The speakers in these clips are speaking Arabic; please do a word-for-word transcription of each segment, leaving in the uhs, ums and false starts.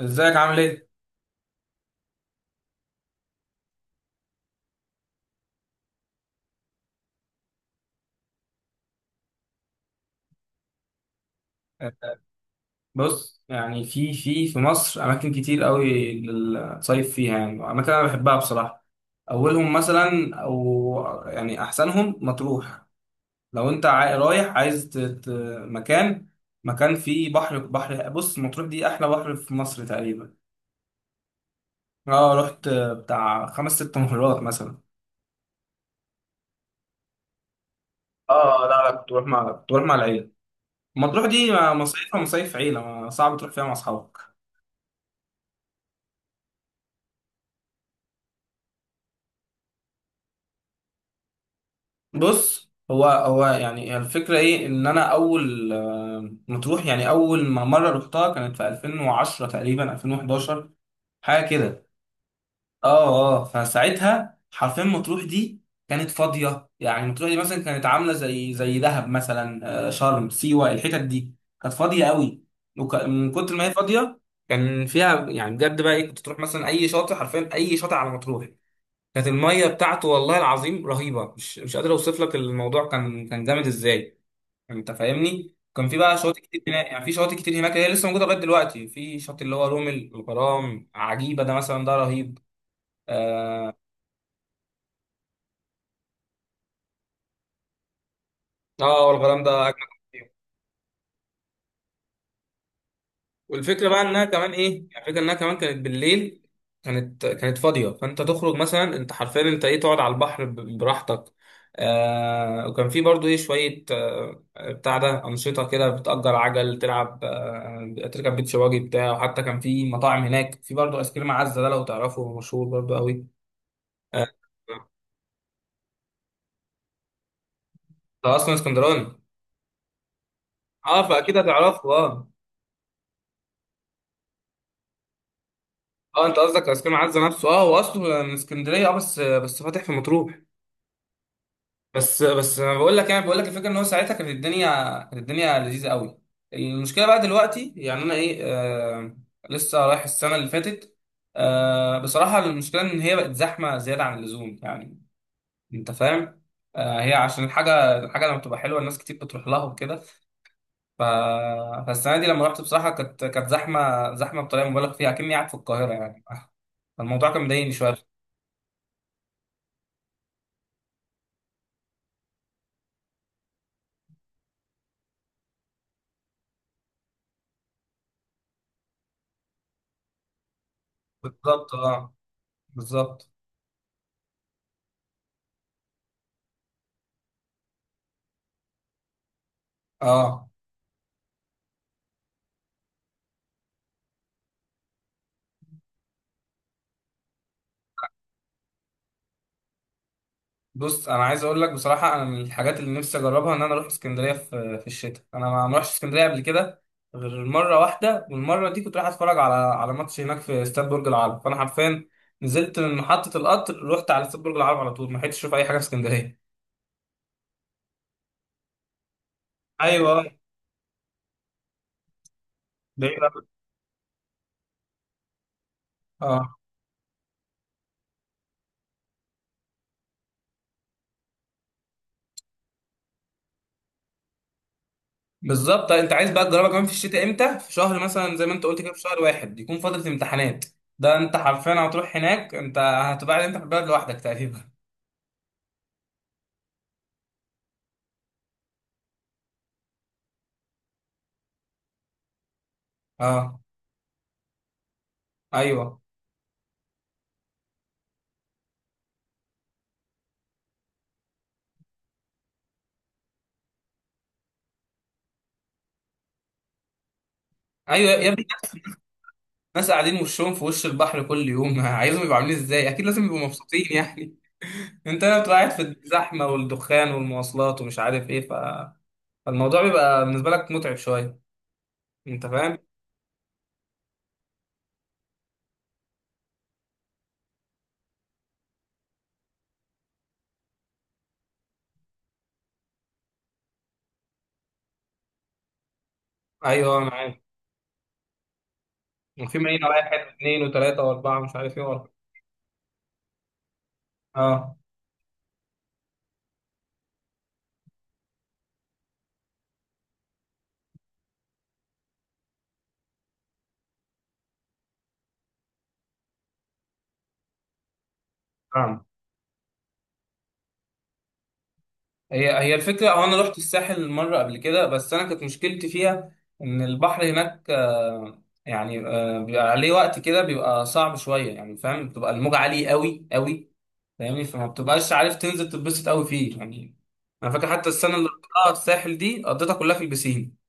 ازيك عامل ايه؟ بص يعني في في في مصر اماكن كتير قوي للصيف فيها يعني اماكن انا بحبها بصراحه. اولهم مثلا او يعني احسنهم مطروح. لو انت عاي- رايح عايز ت- ت- مكان، مكان فيه بحر بحر. بص مطروح دي احلى بحر في مصر تقريبا. اه رحت بتاع خمس ست مرات مثلا. اه، لا لا، كنت بروح مع كنت بروح مع العيله. مطروح دي مصيفها مصيف عيله، ما- صعب تروح فيها مع اصحابك. بص هو هو يعني الفكرة ايه، ان انا اول آه، مطروح يعني اول ما مرة رحتها كانت في ألفين وعشرة تقريبا ألفين وحداشر، حاجة كده. اه، اه، فساعتها حرفيا مطروح دي كانت فاضية. يعني مطروح دي مثلا كانت عاملة زي زي دهب مثلا، آه، شرم، سيوة، الحتت دي كانت فاضية قوي. وك- من كتر ما هي فاضية، كان فيها يعني بجد بقى ايه، كنت تروح مثلا اي شاطئ، حرفيا اي شاطئ على مطروح كانت الميه بتاعته، والله العظيم، رهيبه، مش مش قادر اوصف لك، الموضوع كان كان جامد ازاي. يعني انت فاهمني، كان في بقى شواطئ كتير هناك، يعني في شواطئ كتير هناك هي لسه موجوده لغايه دلوقتي، في شط اللي هو رومل الغرام، عجيبه ده مثلا، ده رهيب. اه، والغرام ده اجمل. والفكره بقى انها كمان ايه، يعني الفكره انها كمان كانت بالليل، كانت كانت فاضيه، فانت تخرج مثلا، انت حرفيا، انت ايه تقعد على البحر ب- براحتك. آه، وكان في برضو ايه شويه، آه بتاع ده انشطه كده، بتأجر عجل، تلعب، آه تركب بيتش باجي بتاع. وحتى كان في مطاعم هناك، في برضو ايس كريم عزه، ده لو تعرفه هو مشهور برضو قوي. آه، ده اصلا اسكندراني. اه، فاكيد هتعرفه، اه. اه، انت قصدك ايس كريم عزه نفسه، اه، هو اصله من اسكندريه، اه، بس بس فاتح في مطروح. بس بس انا بقول لك، يعني بقول لك الفكره ان هو ساعتها كانت الدنيا، كانت الدنيا لذيذه قوي. المشكله بقى دلوقتي، يعني انا ايه آه لسه رايح السنه اللي فاتت. آه، بصراحه المشكله ان هي بقت زحمه زياده عن اللزوم يعني، انت فاهم، آه، هي عشان الحاجه الحاجه لما بتبقى حلوه، الناس كتير بتروح لها وكده ف... فالسنه دي لما رحت بصراحه كانت كانت زحمه زحمه بطريقه مبالغ فيها، كأني قاعد في القاهره يعني، آه، فالموضوع كان مضايقني شويه. بالظبط، اه، بالظبط. اه، بص انا عايز اقول لك بصراحه، انا من الحاجات اللي نفسي اجربها ان انا اروح اسكندريه في في الشتاء. انا ما ما رحتش اسكندريه قبل كده غير مره واحده، والمره دي كنت رايح اتفرج على على ماتش هناك في استاد برج العرب، فانا حرفيا نزلت من محطه القطر، رحت على استاد برج العرب على طول، ما لحقتش اشوف اي حاجه في اسكندريه. ايوه، بعيد أوي. اه، بالظبط. طيب، انت عايز بقى تجربها كمان في الشتاء امتى، في شهر مثلا زي ما انت قلت كده، في شهر واحد يكون فتره امتحانات؟ ده انت حرفيا هتروح هناك انت، هتبقى قاعد انت في البلد لوحدك تقريبا. اه، ايوه، ايوه يا ابني، ناس قاعدين وشهم في وش البحر كل يوم عايزهم يبقوا عاملين ازاي؟ اكيد لازم يبقوا مبسوطين يعني. انت لو بتبقى قاعد في الزحمه والدخان والمواصلات ومش عارف ايه ف... فالموضوع بيبقى بالنسبه لك متعب شويه، انت فاهم. ايوه، انا عارف. وفي مارينا رايح حته اثنين وثلاثه واربعه، مش عارف ايه واربعه. اه، نعم. هي هي الفكره، هو انا رحت الساحل مره قبل كده، بس انا كانت مشكلتي فيها ان البحر هناك آه، يعني آه، بيبقى عليه وقت كده بيبقى صعب شويه يعني، فاهم، بتبقى الموجه عاليه قوي قوي، فاهمني، فما بتبقاش عارف تنزل تتبسط قوي فيه يعني. انا فاكر حتى السنه اللي قضيتها في الساحل دي قضيتها كلها في البسين.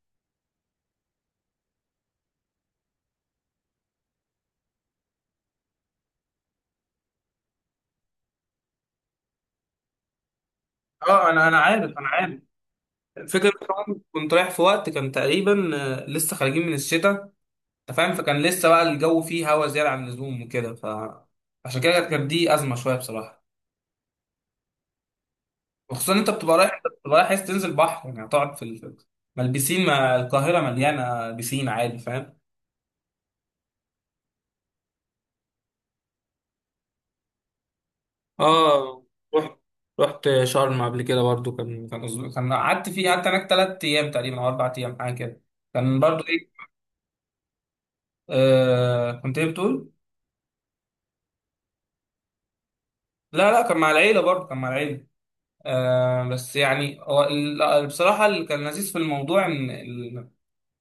اه، انا انا عارف، انا عارف. الفكره كمان كنت رايح في وقت كان تقريبا، آه، لسه خارجين من الشتاء، انت فاهم، فكان لسه بقى الجو فيه هوا زياده عن اللزوم وكده، ف، عشان كده كانت دي ازمه شويه بصراحه. وخصوصا إن انت بتبقى رايح انت بتبقى رايح عايز تنزل بحر يعني، هتقعد في ال... ما البسين ما القاهره مليانه بسين عادي، فاهم. اه، رحت رحت شرم قبل كده برضو، كان كان أسبوع- كان قعدت فيه قعدت هناك ثلاث ايام تقريبا او اربع ايام، حاجه كده. كان برضو ايه، آه، كنت ايه بتقول؟ لا لا، كان مع العيله برضو، كان مع العيله. آه، بس يعني هو ال- بصراحه اللي كان لذيذ في الموضوع ان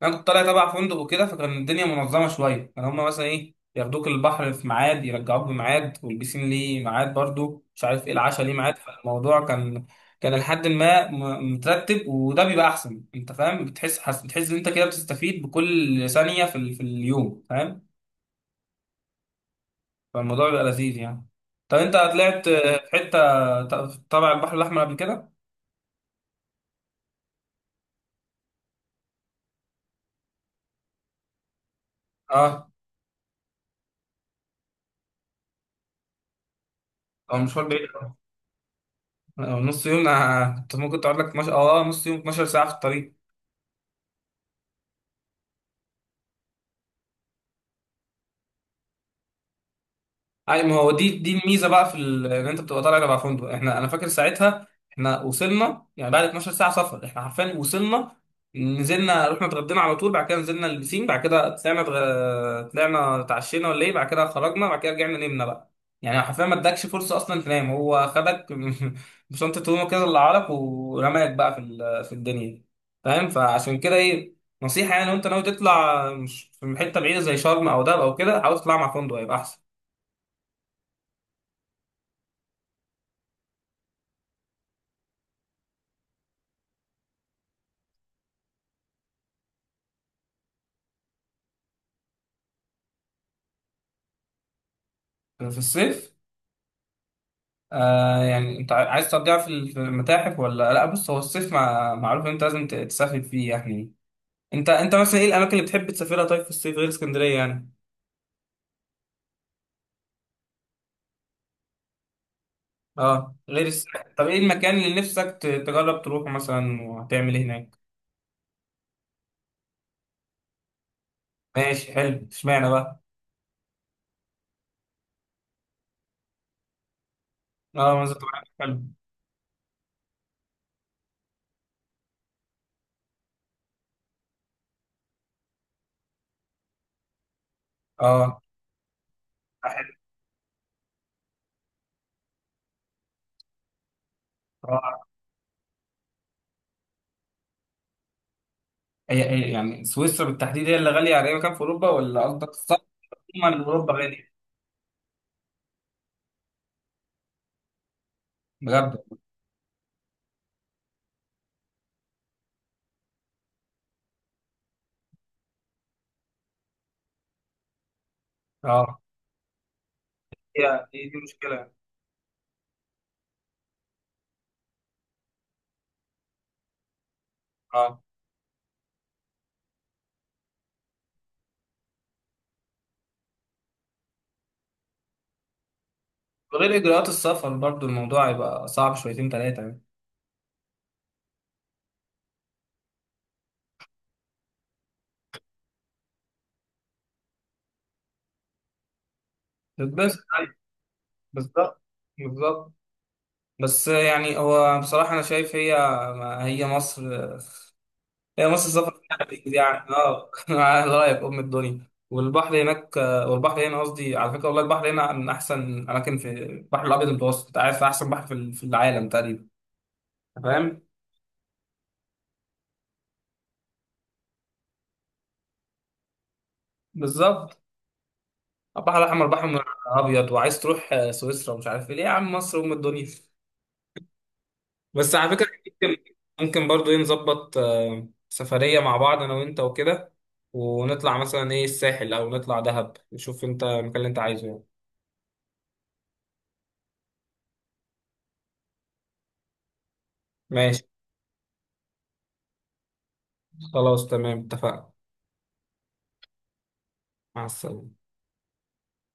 انا كنت طالع تبع فندق وكده، فكان الدنيا منظمه شويه، كان هما مثلا ايه ياخدوك البحر في ميعاد، يرجعوك بميعاد، والبسين ليه ميعاد برضو، مش عارف ايه، العشاء ليه ميعاد. فالموضوع كان كان لحد ما م- مترتب، وده بيبقى احسن، انت فاهم، بتحس حس... بتحس ان انت كده بتستفيد بكل ثانيه في ال... في اليوم، فاهم. فالموضوع بيبقى لذيذ يعني. طب انت طلعت في حته ت- تبع البحر الاحمر قبل كده؟ اه، هو مشوار بعيد أوي. آه، نص يوم، أنا كنت ممكن تقعد لك مش... اه، نص يوم، اتناشر ساعة ساعه في الطريق. اي، ما هو دي دي الميزه بقى في ال- ان انت بتبقى طالع تبع فندق. احنا، انا فاكر ساعتها احنا وصلنا يعني بعد اتناشر ساعة ساعه سفر، احنا حرفيا وصلنا، نزلنا، رحنا اتغدينا على طول، بعد كده نزلنا البسين، بعد كده طلعنا اتغ- طلعنا اتعشينا ولا ايه، بعد كده خرجنا، بعد كده رجعنا نمنا بقى، يعني حرفيا ما ادكش فرصه اصلا تنام، هو خدك بشنطه هدومه كده اللي عليك ورماك بقى في ال- في الدنيا. فاهم، فعشان كده ايه، نصيحه يعني، لو انت ناوي تطلع مش في حته بعيده زي شرم او دهب او كده، حاول تطلع مع فندق، هيبقى احسن. في الصيف؟ آه، يعني انت عايز تقضيها في ال- في المتاحف ولا لا؟ بص، هو الصيف مع... معروف ان انت لازم ت- تسافر فيه يعني. انت انت مثلا ايه الاماكن اللي بتحب تسافرها طيب في الصيف، غير اسكندريه يعني؟ اه، غير الساحل، طب ايه المكان اللي نفسك ت- تجرب تروحه مثلا، وهتعمل ايه هناك؟ ماشي حلو، اشمعنى بقى؟ اه، منظر طبيعي حلو. اه، حلو. اه، هي هي يعني سويسرا بالتحديد هي اللي غاليه على اي مكان في اوروبا، ولا قصدك السفر عموما اوروبا غاليه؟ بجد؟ اه، هي دي دي مشكله يعني، اه، غير إجراءات السفر برضو، الموضوع يبقى صعب شويتين تلاتة يعني. بس أيوة، بالظبط، بالظبط. بس يعني هو بصراحة أنا شايف، هي هي مصر هي مصر، السفر فيها هتجيب يعني، اه، على رأيك أم الدنيا. والبحر هناك، والبحر هنا قصدي، على فكرة، والله البحر هنا من أحسن أماكن في البحر الأبيض المتوسط، أنت عارف أحسن بحر في في العالم تقريبا، فاهم. بالظبط. البحر الأحمر بحر من الأبيض، وعايز تروح آه، سويسرا ومش عارف إيه؟ ليه يا عم، مصر أم الدنيا. بس على فكرة، ممكن ممكن برضو ايه نظبط آه، سفرية مع بعض، انا وانت وكده، ونطلع مثلا ايه الساحل، او نطلع دهب، نشوف انت المكان اللي انت عايزه يعني. ماشي، خلاص، تمام، اتفقنا. مع السلامة.